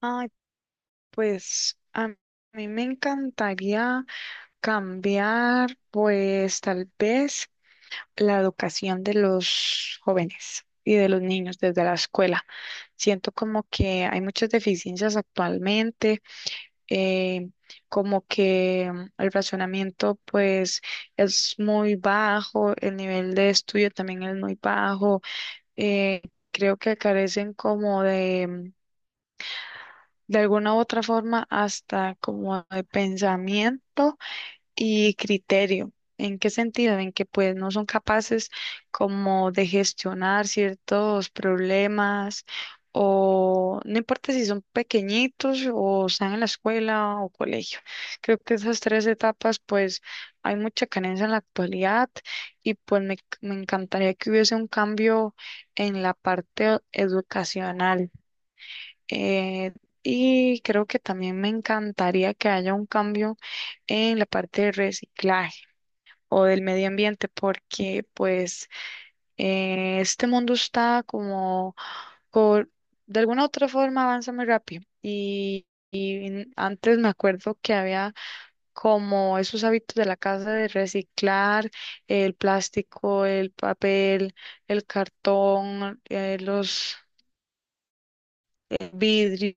Ay, pues a mí me encantaría cambiar, pues tal vez la educación de los jóvenes y de los niños desde la escuela. Siento como que hay muchas deficiencias actualmente, eh, como que el razonamiento pues es muy bajo, el nivel de estudio también es muy bajo, eh, creo que carecen como de alguna u otra forma hasta como de pensamiento y criterio. ¿En qué sentido? En que pues no son capaces como de gestionar ciertos problemas o no importa si son pequeñitos o están en la escuela o colegio. Creo que esas tres etapas pues hay mucha carencia en la actualidad y pues me encantaría que hubiese un cambio en la parte educacional. Eh, y creo que también me encantaría que haya un cambio en la parte de reciclaje o del medio ambiente, porque pues este mundo está como, por- de alguna u otra forma avanza muy rápido. Y antes me acuerdo que había como esos hábitos de la casa de reciclar el plástico, el papel, el cartón, los vidrios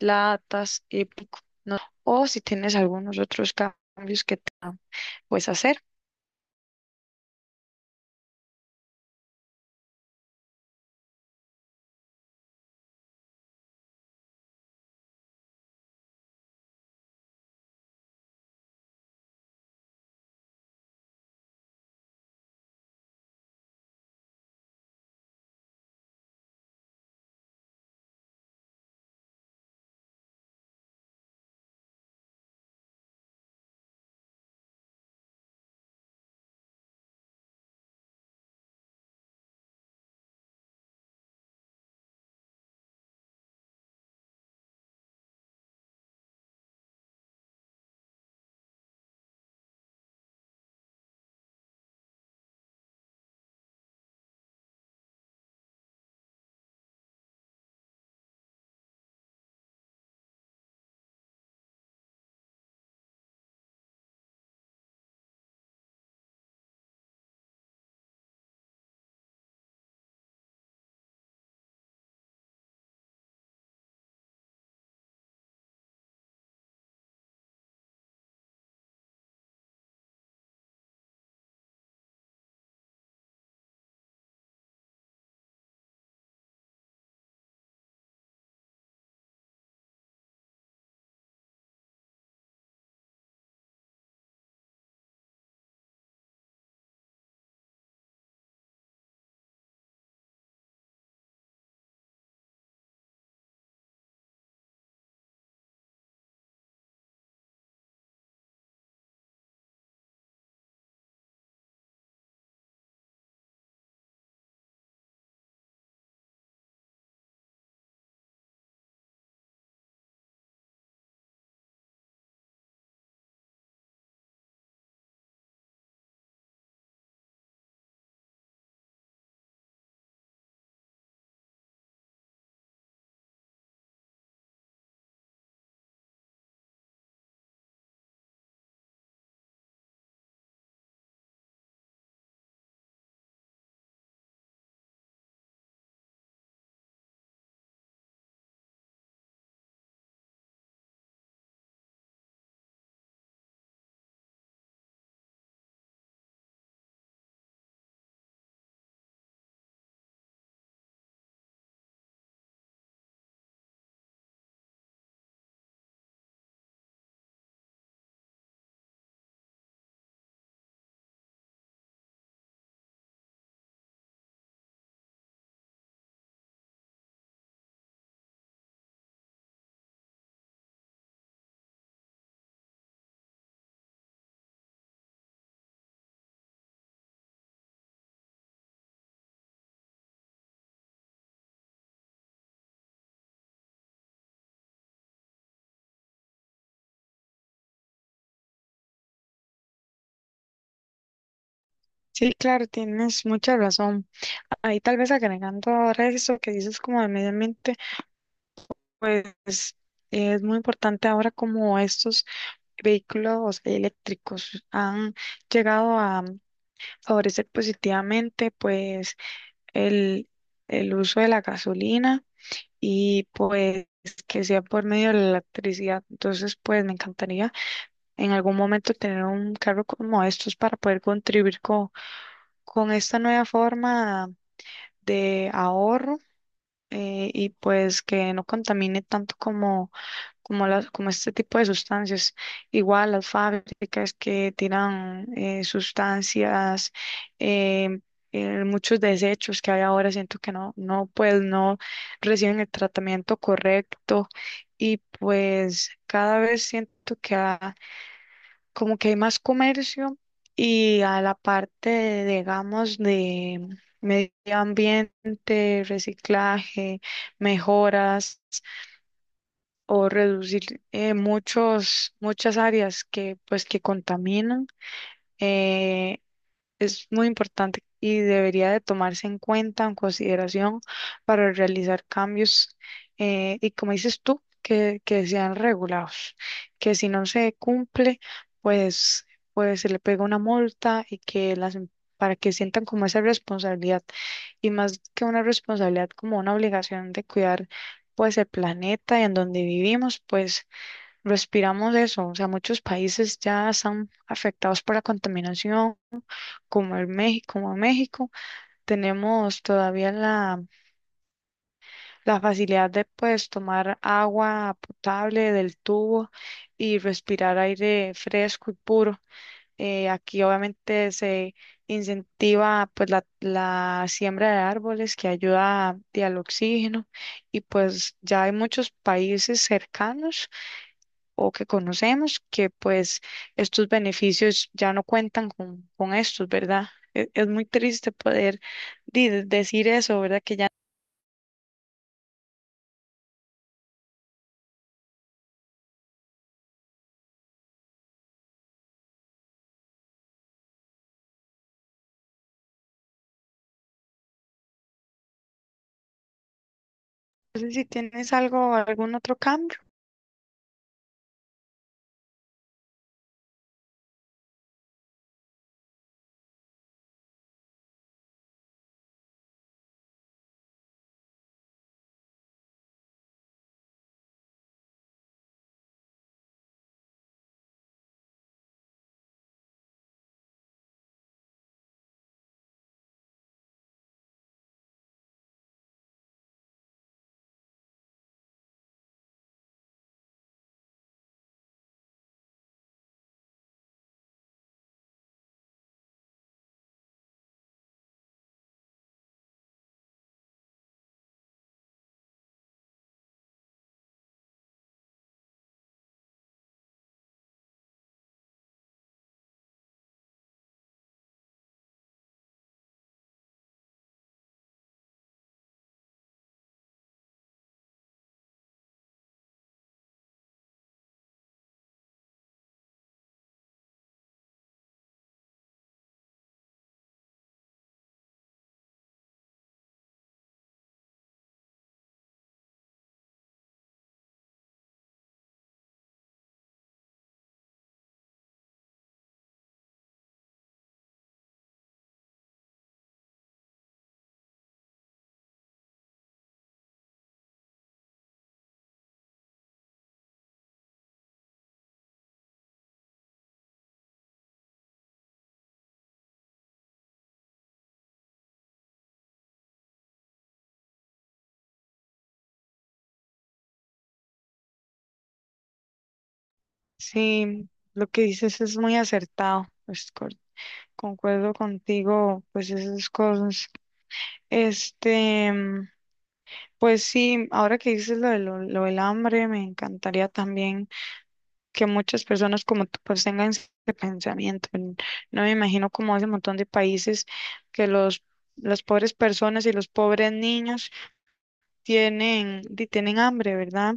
latas, y pico, ¿no? O si tienes algunos otros cambios que te puedes hacer. Sí, claro, tienes mucha razón. Ahí tal vez agregando ahora eso que dices como de medio ambiente, pues es muy importante ahora como estos vehículos eléctricos han llegado a favorecer positivamente pues el, el uso de la gasolina y pues que sea por medio de la electricidad. Entonces, pues me encantaría en algún momento tener un cargo como estos para poder contribuir con esta nueva forma de ahorro y pues que no contamine tanto como, como, las, como este tipo de sustancias. Igual las fábricas que tiran sustancias, eh, muchos desechos que hay ahora, siento que no, no, pues no reciben el tratamiento correcto y pues cada vez siento que ha como que hay más comercio y a la parte, de, digamos, de medio ambiente, reciclaje, mejoras o reducir muchas áreas que pues que contaminan. eh, es muy importante y debería de tomarse en cuenta, en consideración, para realizar cambios y como dices tú, que sean regulados, que si no se cumple, pues, pues se le pega una multa y que las. Para que sientan como esa responsabilidad y más que una responsabilidad, como una obligación de cuidar pues el planeta y en donde vivimos, pues respiramos eso. O sea, muchos países ya están afectados por la contaminación como el México, como a México, tenemos todavía la facilidad de pues tomar agua potable del tubo y respirar aire fresco y puro. Aquí obviamente se incentiva pues la siembra de árboles que ayuda a- al oxígeno y pues ya hay muchos países cercanos o que conocemos, que pues estos beneficios ya no cuentan con estos, ¿verdad? E- Es muy triste poder di- decir eso, ¿verdad? Que ya no sé si tienes algo, algún otro cambio. Sí, lo que dices es muy acertado, pues, co- concuerdo contigo, pues esas cosas. Este, mm, pues sí, ahora que dices lo, de lo del hambre, me encantaría también que muchas personas como tú pues tengan ese pensamiento. N- No me imagino como ese montón de países que los las pobres personas y los pobres niños tienen di- tienen hambre, ¿verdad?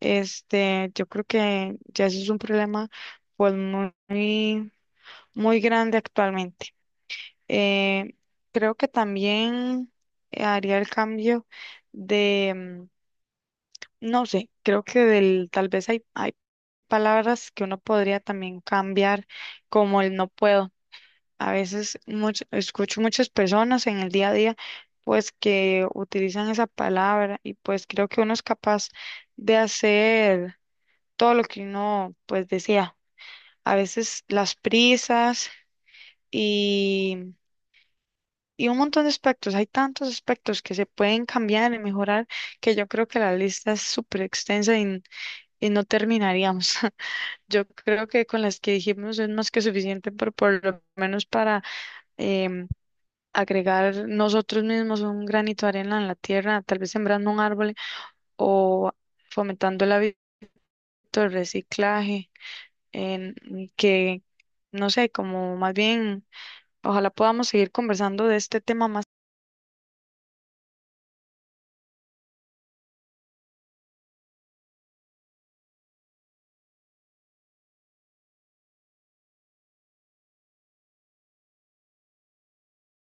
Este, yo creo que ya eso es un problema pues muy muy grande actualmente. Eh, Creo que también haría el cambio de mm, no sé, creo que del, tal vez hay, palabras que uno podría también cambiar, como el no puedo. A veces much- escucho muchas personas en el día a día, pues que utilizan esa palabra y pues creo que uno es capaz de hacer todo lo que uno pues desea. A veces las prisas y, y un montón de aspectos. Hay tantos aspectos que se pueden cambiar y mejorar que yo creo que la lista es súper extensa y no terminaríamos. Yo creo que con las que dijimos es más que suficiente, por lo menos para em, agregar nosotros mismos un granito de arena en la tierra, tal vez sembrando un árbol o fomentando el hábito del reciclaje, en que, no sé, como más bien, ojalá podamos seguir conversando de este tema.